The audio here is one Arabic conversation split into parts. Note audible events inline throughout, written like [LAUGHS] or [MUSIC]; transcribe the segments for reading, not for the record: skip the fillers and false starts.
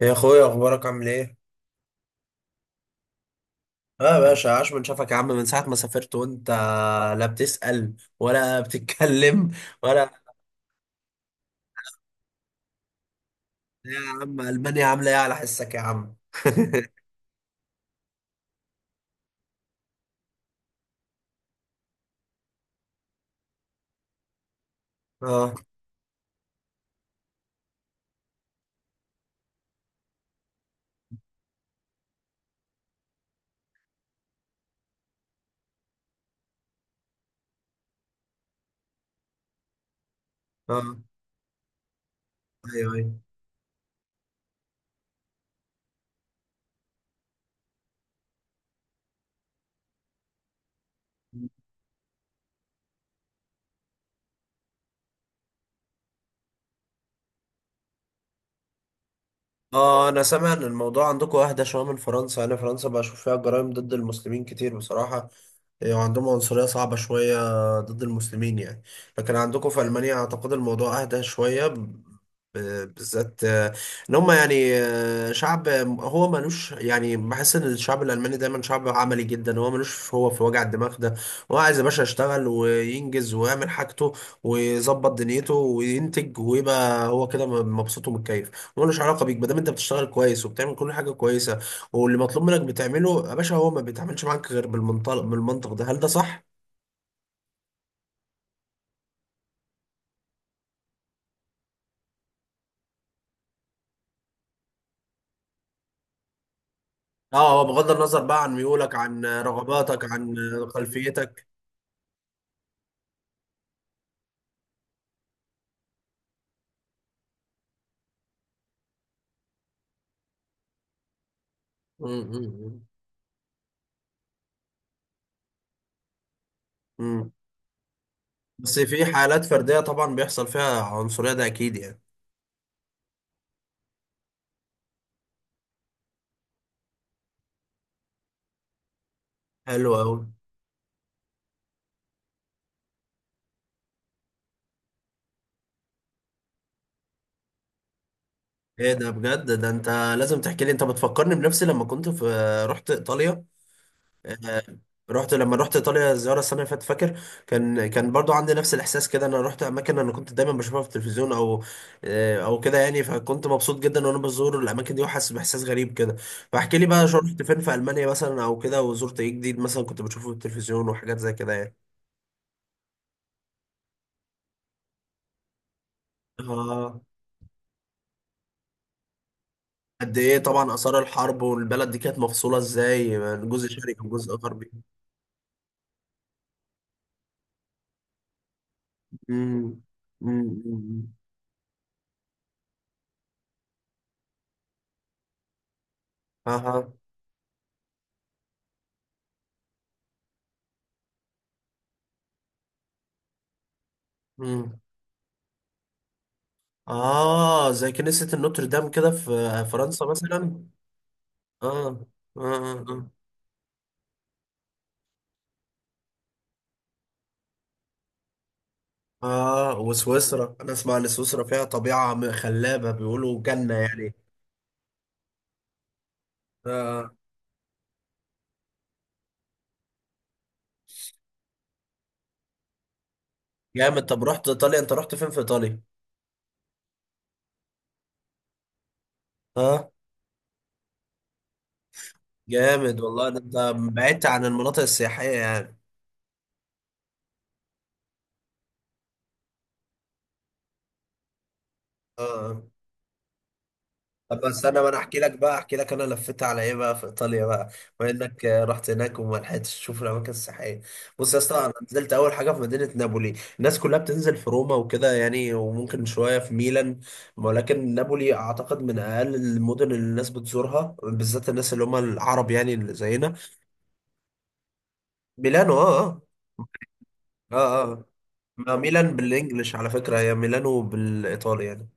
يا اخويا، اخبارك عامل ايه؟ اه يا باشا، عاش من شافك يا عم. من ساعة ما سافرت وانت لا بتسأل ولا [LAUGHS] بتتكلم ولا. يا عم ألمانيا عاملة ايه على حسك يا عم؟ [LAUGHS] اه اه. ايوه ايوه. اه، انا سامع ان الموضوع عندكم اهدى شوية من فرنسا. انا فرنسا بشوف فيها جرائم ضد المسلمين كتير بصراحة، يعني عندهم عنصرية صعبة شوية ضد المسلمين يعني. لكن عندكم في ألمانيا أعتقد الموضوع أهدى شوية بالذات. إن هم يعني، شعب هو ملوش يعني. بحس إن الشعب الألماني دايما شعب عملي جدا، هو ملوش هو في وجع الدماغ ده. هو عايز يا باشا يشتغل وينجز ويعمل حاجته ويظبط دنيته وينتج ويبقى هو كده مبسوط ومتكيف. ملوش علاقة بيك ما دام أنت بتشتغل كويس وبتعمل كل حاجة كويسة، واللي مطلوب منك بتعمله يا باشا. هو ما بيتعاملش معاك غير بالمنطق ده. هل ده صح؟ اه، هو بغض النظر بقى عن ميولك، عن رغباتك، عن خلفيتك. امم امم بس في حالات فردية طبعا بيحصل فيها عنصرية، ده اكيد يعني. حلو قوي. ايه ده بجد؟ ده انت لازم تحكي لي. انت بتفكرني بنفسي لما كنت في، رحت ايطاليا. لما رحت ايطاليا زياره السنه اللي فاتت، فاكر؟ كان برضو عندي نفس الاحساس كده. انا رحت اماكن انا كنت دايما بشوفها في التلفزيون او او كده يعني، فكنت مبسوط جدا وانا بزور الاماكن دي وحاسس باحساس غريب كده. فاحكي لي بقى، رحت فين في المانيا مثلا او كده، وزرت ايه جديد مثلا كنت بشوفه في التلفزيون وحاجات زي كده يعني. اه، قد ايه طبعا اثار الحرب، والبلد دي كانت مفصوله ازاي، جزء شرقي وجزء غربي. امم امم. اها. آه، زي كنيسة النوتردام كده في فرنسا مثلا. آه آه آه آه. وسويسرا أنا أسمع إن سويسرا فيها طبيعة خلابة، بيقولوا جنة يعني. آه. جامد. طب رحت إيطاليا، أنت رحت فين في إيطاليا؟ آه. جامد والله ده. أنت بعدت عن المناطق السياحية يعني. آه. طب بس انا، ما انا احكي لك بقى، احكي لك انا لفيت على ايه بقى في ايطاليا بقى. بما انك رحت هناك وما لحقتش تشوف الاماكن السياحيه، بص يا اسطى، انا نزلت اول حاجه في مدينه نابولي. الناس كلها بتنزل في روما وكده يعني، وممكن شويه في ميلان، ولكن نابولي اعتقد من اقل المدن اللي الناس بتزورها، بالذات الناس اللي هم العرب يعني اللي زينا. ميلانو اه. اه اه اه، ما ميلان بالانجلش على فكره، هي ميلانو بالايطالي يعني.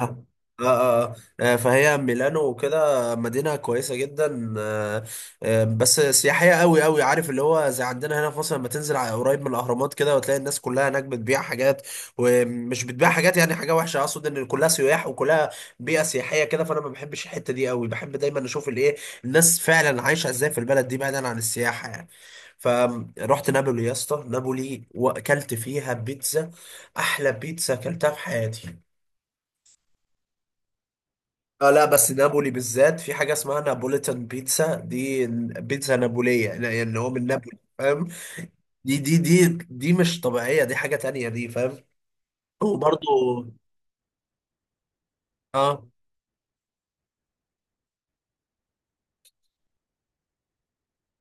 آه. آه آه، فهي ميلانو وكده، مدينة كويسة جدا. آه. آه، بس سياحية قوي قوي. عارف اللي هو زي عندنا هنا في مصر لما تنزل قريب من الأهرامات كده وتلاقي الناس كلها هناك بتبيع حاجات. ومش بتبيع حاجات يعني حاجة وحشة، أقصد إن كلها سياح وكلها بيئة سياحية كده. فأنا ما بحبش الحتة دي قوي، بحب دايما أشوف الإيه، الناس فعلا عايشة إزاي في البلد دي بعيدا عن السياحة يعني. فرحت نابولي يا اسطى، نابولي. وأكلت فيها بيتزا، أحلى بيتزا أكلتها في حياتي. اه لا، بس نابولي بالذات في حاجة اسمها نابوليتان بيتزا دي، بيتزا نابولية يعني، اللي هو من نابولي، فاهم؟ دي مش طبيعية، دي حاجة تانية دي، فاهم؟ وبرضو اه.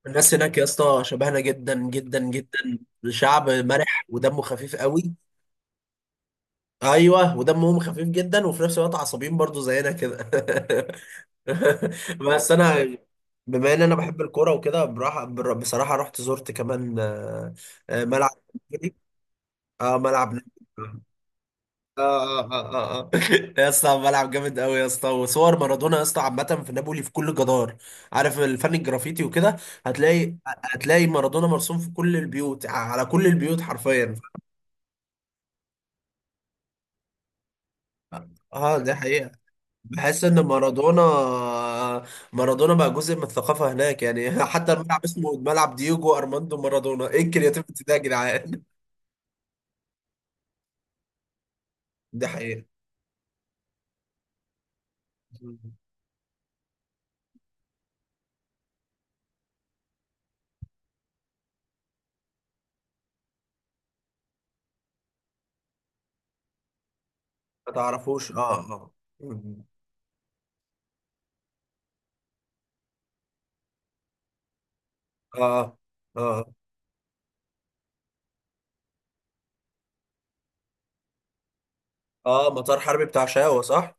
الناس هناك يا اسطى شبهنا جدا جدا جدا. شعب مرح ودمه خفيف قوي. ايوه، ودمهم خفيف جدا، وفي نفس الوقت عصبيين برضو زينا كده. [LAUGHS] بس انا، بما ان انا بحب الكوره وكده، بصراحه رحت زرت كمان، ملعب. اه، ملعب نجم. اه اه اه اه. [LAUGHS] يا اسطى، ملعب جامد قوي يا اسطى. وصور مارادونا يا اسطى عامه في نابولي في كل جدار. عارف الفن الجرافيتي وكده؟ هتلاقي مارادونا مرسوم في كل البيوت، على كل البيوت حرفيا. اه دي حقيقة. بحس ان مارادونا بقى جزء من الثقافة هناك يعني. [LAUGHS] حتى الملعب اسمه ملعب دييجو ارماندو مارادونا، ايه الكرياتيفيتي ده يا جدعان؟ [LAUGHS] دي حقيقة. ما تعرفوش اه. اه. اه اه. اه. اه، مطار حربي بتاع شاوة صح.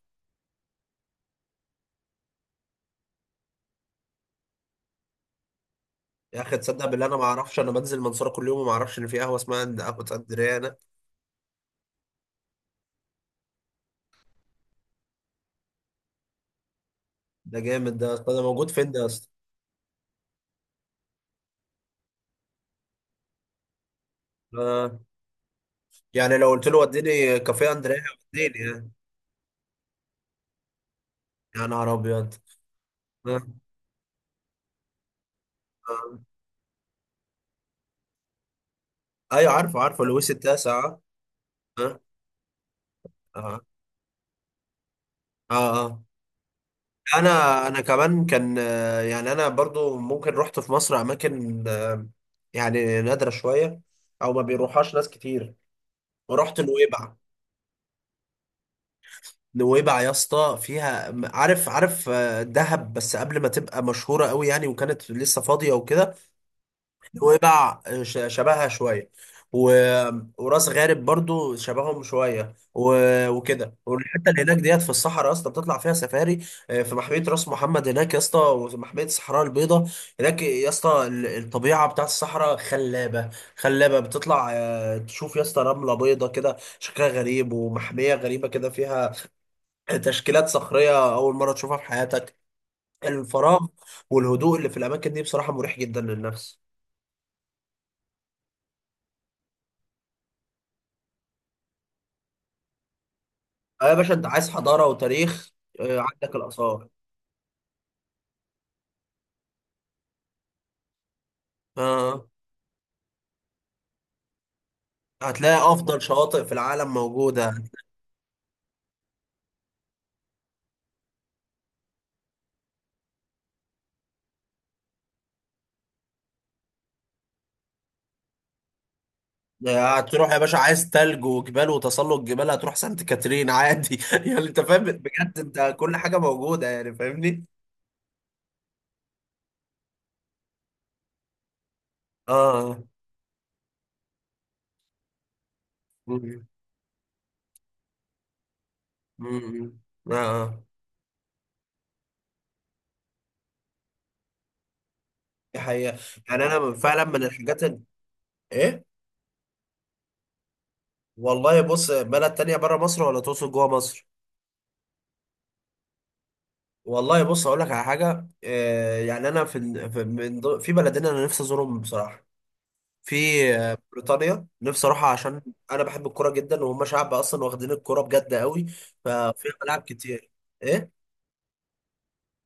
يا اخي تصدق بالله انا ما اعرفش؟ انا بنزل المنصوره كل يوم وما اعرفش ان في قهوه اسمها عند قهوه اسكندريه؟ انا. ده جامد ده يا اسطى، ده موجود فين ده يا اسطى؟ آه. يعني لو قلت له وديني كافيه اندريا، وديني يعني. يا نهار ابيض. آه. آه. ايوه عارفه عارفه لويس التاسع. اه. اه اه. آه. انا، انا كمان كان، يعني انا برضو ممكن رحت في مصر اماكن، يعني نادره شويه او ما بيروحهاش ناس كتير، ورحت نويبع. نويبع يا اسطى فيها، عارف، عارف، دهب بس قبل ما تبقى مشهورة قوي يعني، وكانت لسه فاضية وكده. نويبع شبهها شوية، و... وراس غارب برضو شبههم شوية، وكده. والحتة اللي هناك ديت في الصحراء يا اسطى بتطلع فيها سفاري. في محمية راس محمد هناك يا اسطى ومحمية الصحراء البيضاء هناك يا اسطى. الطبيعة بتاعت الصحراء خلابة، خلابة. بتطلع تشوف يا اسطى رملة بيضة كده شكلها غريب، ومحمية غريبة كده فيها تشكيلات صخرية أول مرة تشوفها في حياتك. الفراغ والهدوء اللي في الأماكن دي بصراحة مريح جدا للنفس. آه يا باشا أنت عايز حضارة وتاريخ. آه عندك الآثار. آه، هتلاقي أفضل شواطئ في العالم موجودة. هتروح يا باشا، عايز تلج وجبال وتسلق جبال، هتروح سانت كاترين عادي. [LAUGHS] يعني أنت فاهم بجد، أنت كل حاجة موجودة يعني فاهمني. آه. مم. مم. آه. دي حقيقة. يعني أنا فعلا من الحاجات إيه. والله بص، بلد تانية بره مصر ولا تقصد جوه مصر؟ والله بص اقول لك على حاجة. يعني انا في ال- في من ضمن- في بلدين انا نفسي ازورهم بصراحة. في بريطانيا، نفسي اروحها عشان انا بحب الكورة جدا، وهم شعب اصلا واخدين الكورة بجد قوي، ففي ملاعب كتير. ايه.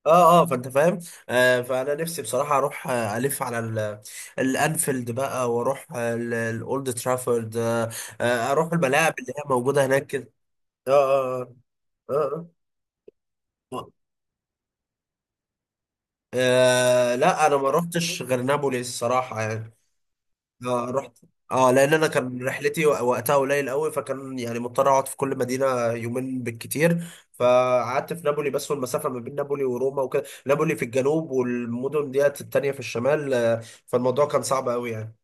اه اه، فانت فاهم. آه، فانا نفسي بصراحه اروح الف على الانفيلد بقى، واروح الاولد ترافورد، اروح الملاعب اللي هي موجوده هناك كده. اه اه اه، آه. آه. آه لا، انا ما رحتش غير نابولي الصراحه يعني. آه رحت. اه، لان انا كان رحلتي وقتها قليل قوي، فكان يعني مضطر اقعد في كل مدينه يومين بالكتير. فقعدت في نابولي بس، والمسافه ما بين نابولي وروما وكده، نابولي في الجنوب والمدن ديت التانيه في الشمال، فالموضوع كان صعب قوي يعني.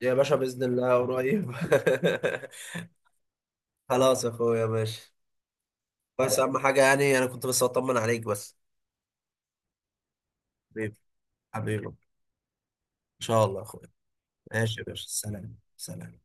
يا باشا باذن الله قريب. [LAUGHS] خلاص يا اخويا ماشي. بس اهم حاجه يعني انا كنت بس اطمن عليك بس. حبيبي، حبيبي. شاء الله يا اخويا. ماشي يا باشا، سلام سلام.